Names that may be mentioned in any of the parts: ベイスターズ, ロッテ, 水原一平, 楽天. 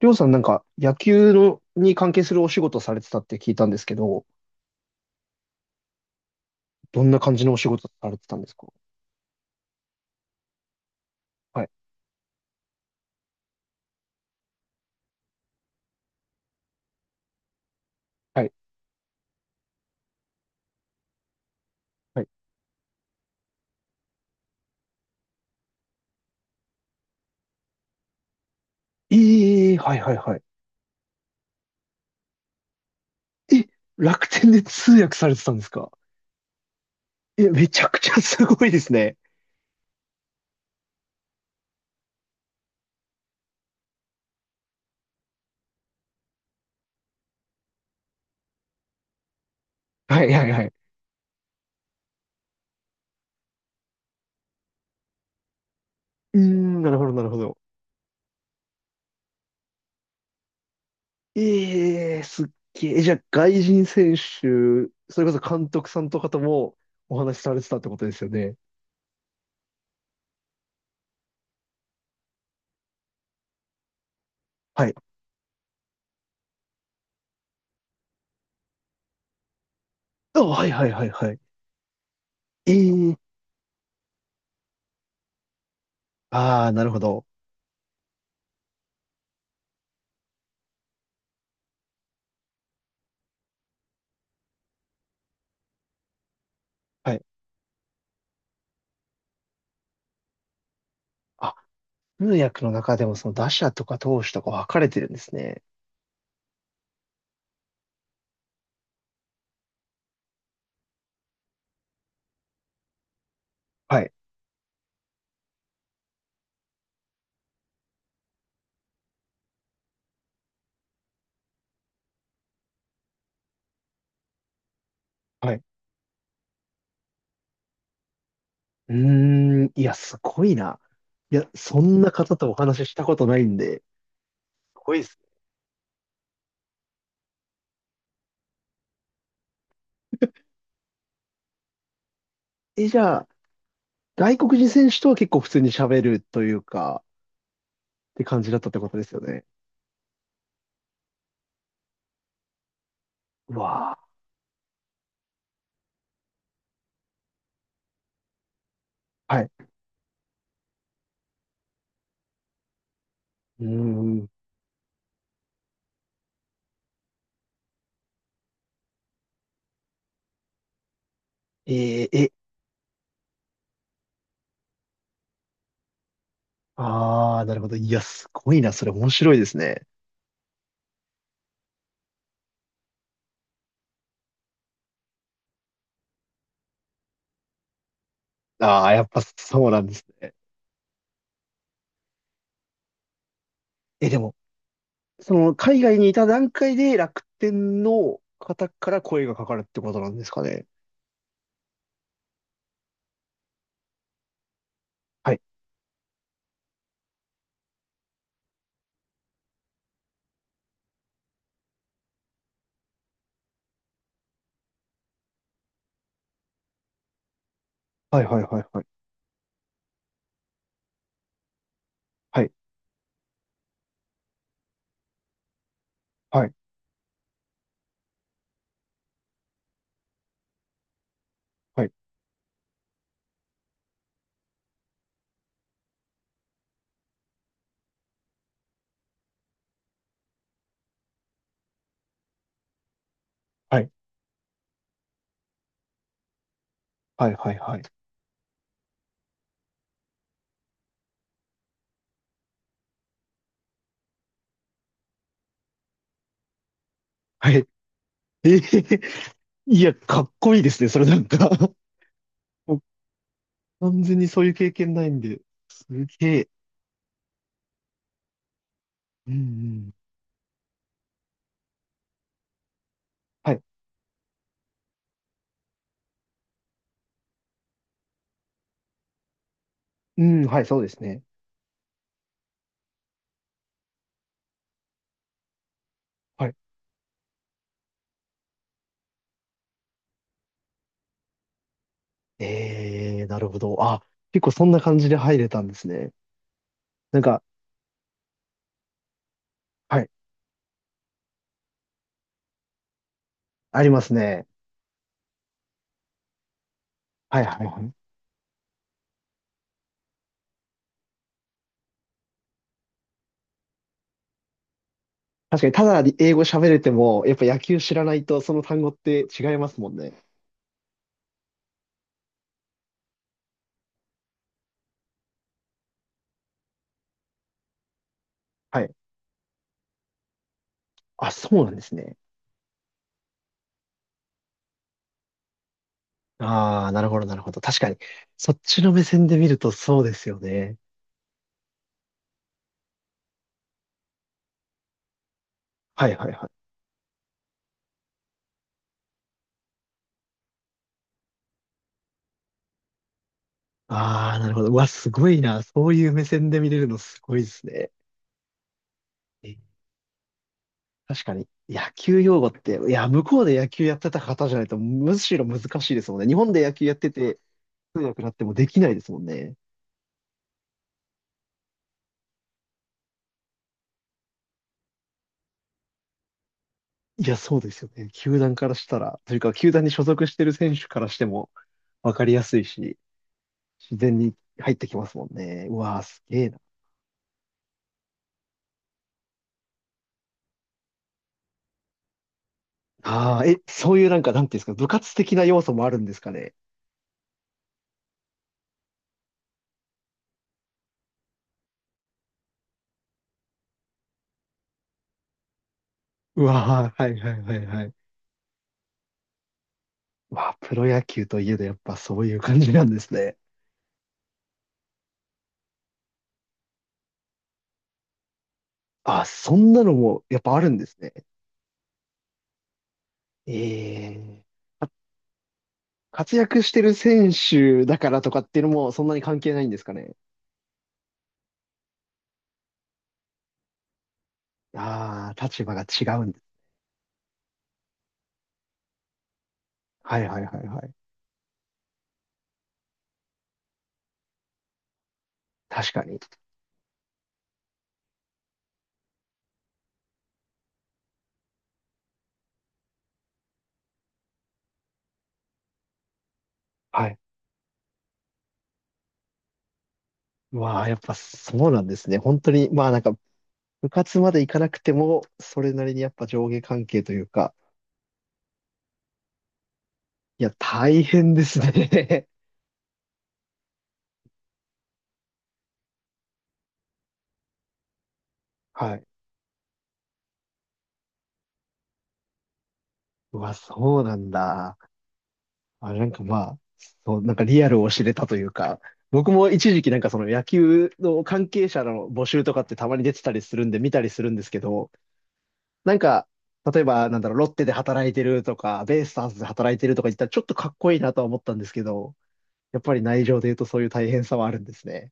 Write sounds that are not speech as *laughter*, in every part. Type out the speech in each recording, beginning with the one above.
りょうさんなんか野球のに関係するお仕事されてたって聞いたんですけど、どんな感じのお仕事されてたんですか？はい、はい、はい。ええ、はい、はい、はい。え、楽天で通訳されてたんですか？え、めちゃくちゃすごいですね。はい、はい、はい。うーん、なるほど、なるほど。ええ、すっげえ。じゃあ、外人選手、それこそ監督さんとかともお話しされてたってことですよね。はい。あ、はい、はい、はい、はい。ええ、ああー、なるほど。はい。通訳の中でもその打者とか投手とか分かれてるんですね。はい。はい。うーん。いや、すごいな。いや、そんな方とお話ししたことないんで。すごいですね。え、じゃあ、外国人選手とは結構普通に喋るというか、って感じだったってことですよね。うわー。はい。うーん。えー、え、あー、なるほど。いや、すごいな。それ面白いですね。あー、やっぱそうなんですね。え、でも、海外にいた段階で楽天の方から声がかかるってことなんですかね。はい。はいはいはいはい。はい。はい。はい。はい。はいはいはい。はい。えー、いや、かっこいいですね。それなんか *laughs* 僕完全にそういう経験ないんで。すげえ。うんうん。はい。うん、はい、そうですね。はい。えー、なるほど。あ、結構そんな感じで入れたんですね。なんか、はい。ありますね。はいはいはい。確かに、ただ英語喋れても、やっぱ野球知らないと、その単語って違いますもんね。はい。あ、そうなんですね。ああ、なるほど、なるほど。確かに。そっちの目線で見るとそうですよね。はいはいはい。ああ、なるほど。うわ、すごいな。そういう目線で見れるのすごいですね。え、確かに、野球用語って、いや、向こうで野球やってた方じゃないと、むしろ難しいですもんね。日本で野球やってて、通訳になってもできないですもんね。いや、そうですよね。球団からしたら、というか、球団に所属してる選手からしても、わかりやすいし、自然に入ってきますもんね。うわー、すげえな。ああ、え、そういうなんか、なんていうんですか、部活的な要素もあるんですかね。うわー、はいはいはいはい。わあ、プロ野球といえどやっぱそういう感じなんですね。あ、そんなのもやっぱあるんですね。ええ。活躍してる選手だからとかっていうのもそんなに関係ないんですかね。ああ、立場が違うんです。はいはいはいはい。確かに。はい。まあ、やっぱそうなんですね。本当に、まあ、なんか部活まで行かなくても、それなりにやっぱ上下関係というか、いや、大変ですね。*laughs* はい。うわ、そうなんだ。あ、なんかまあ、そう、なんかリアルを知れたというか、僕も一時期なんかその野球の関係者の募集とかってたまに出てたりするんで見たりするんですけど、なんか、例えばなんだろう、ロッテで働いてるとか、ベイスターズで働いてるとか言ったらちょっとかっこいいなとは思ったんですけど、やっぱり内情で言うとそういう大変さはあるんですね。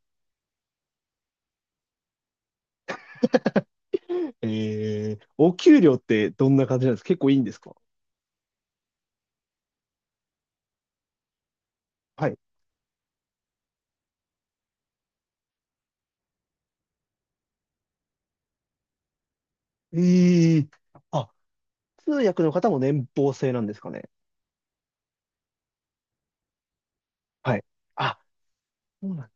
お給料ってどんな感じなんですか？結構いいんですか？はい。ええ、あ、通訳の方も年俸制なんですかね？はい。あ、そうなん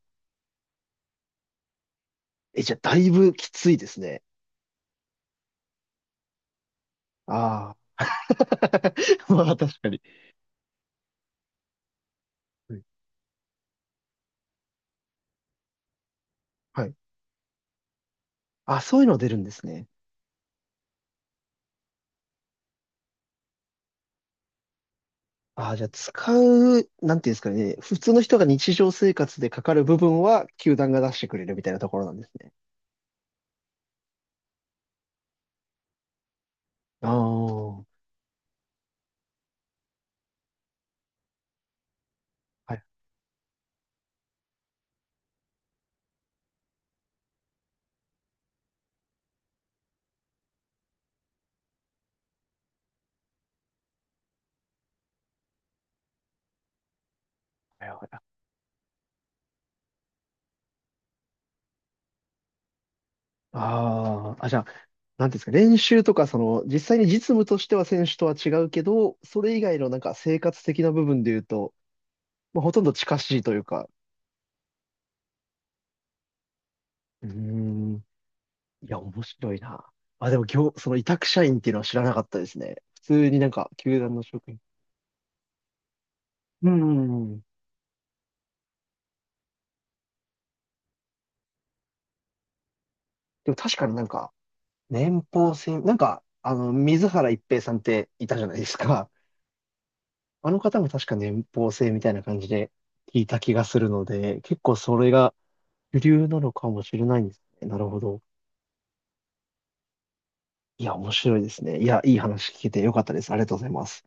え、じゃあ、だいぶきついですね。ああ。*laughs* まあ、確かに。はいはい。あ、そういうの出るんですね。ああ、じゃあ、使う、なんていうんですかね。普通の人が日常生活でかかる部分は、球団が出してくれるみたいなところなんですね。ああ。はいはいはい。ああ。あ、じゃあ、なんていうんですか、練習とか、実際に実務としては選手とは違うけど、それ以外のなんか生活的な部分で言うと、まあ、ほとんど近しいというか、うーん、いや、面白いな。あ、でも今日、その委託社員っていうのは知らなかったですね。普通になんか、球団の職員。うん。でも確かになんか、年俸制、なんか、あの、水原一平さんっていたじゃないですか。あの方も確か年俸制みたいな感じで聞いた気がするので、結構それが主流なのかもしれないんですね。なるほど。いや、面白いですね。いや、いい話聞けてよかったです。ありがとうございます。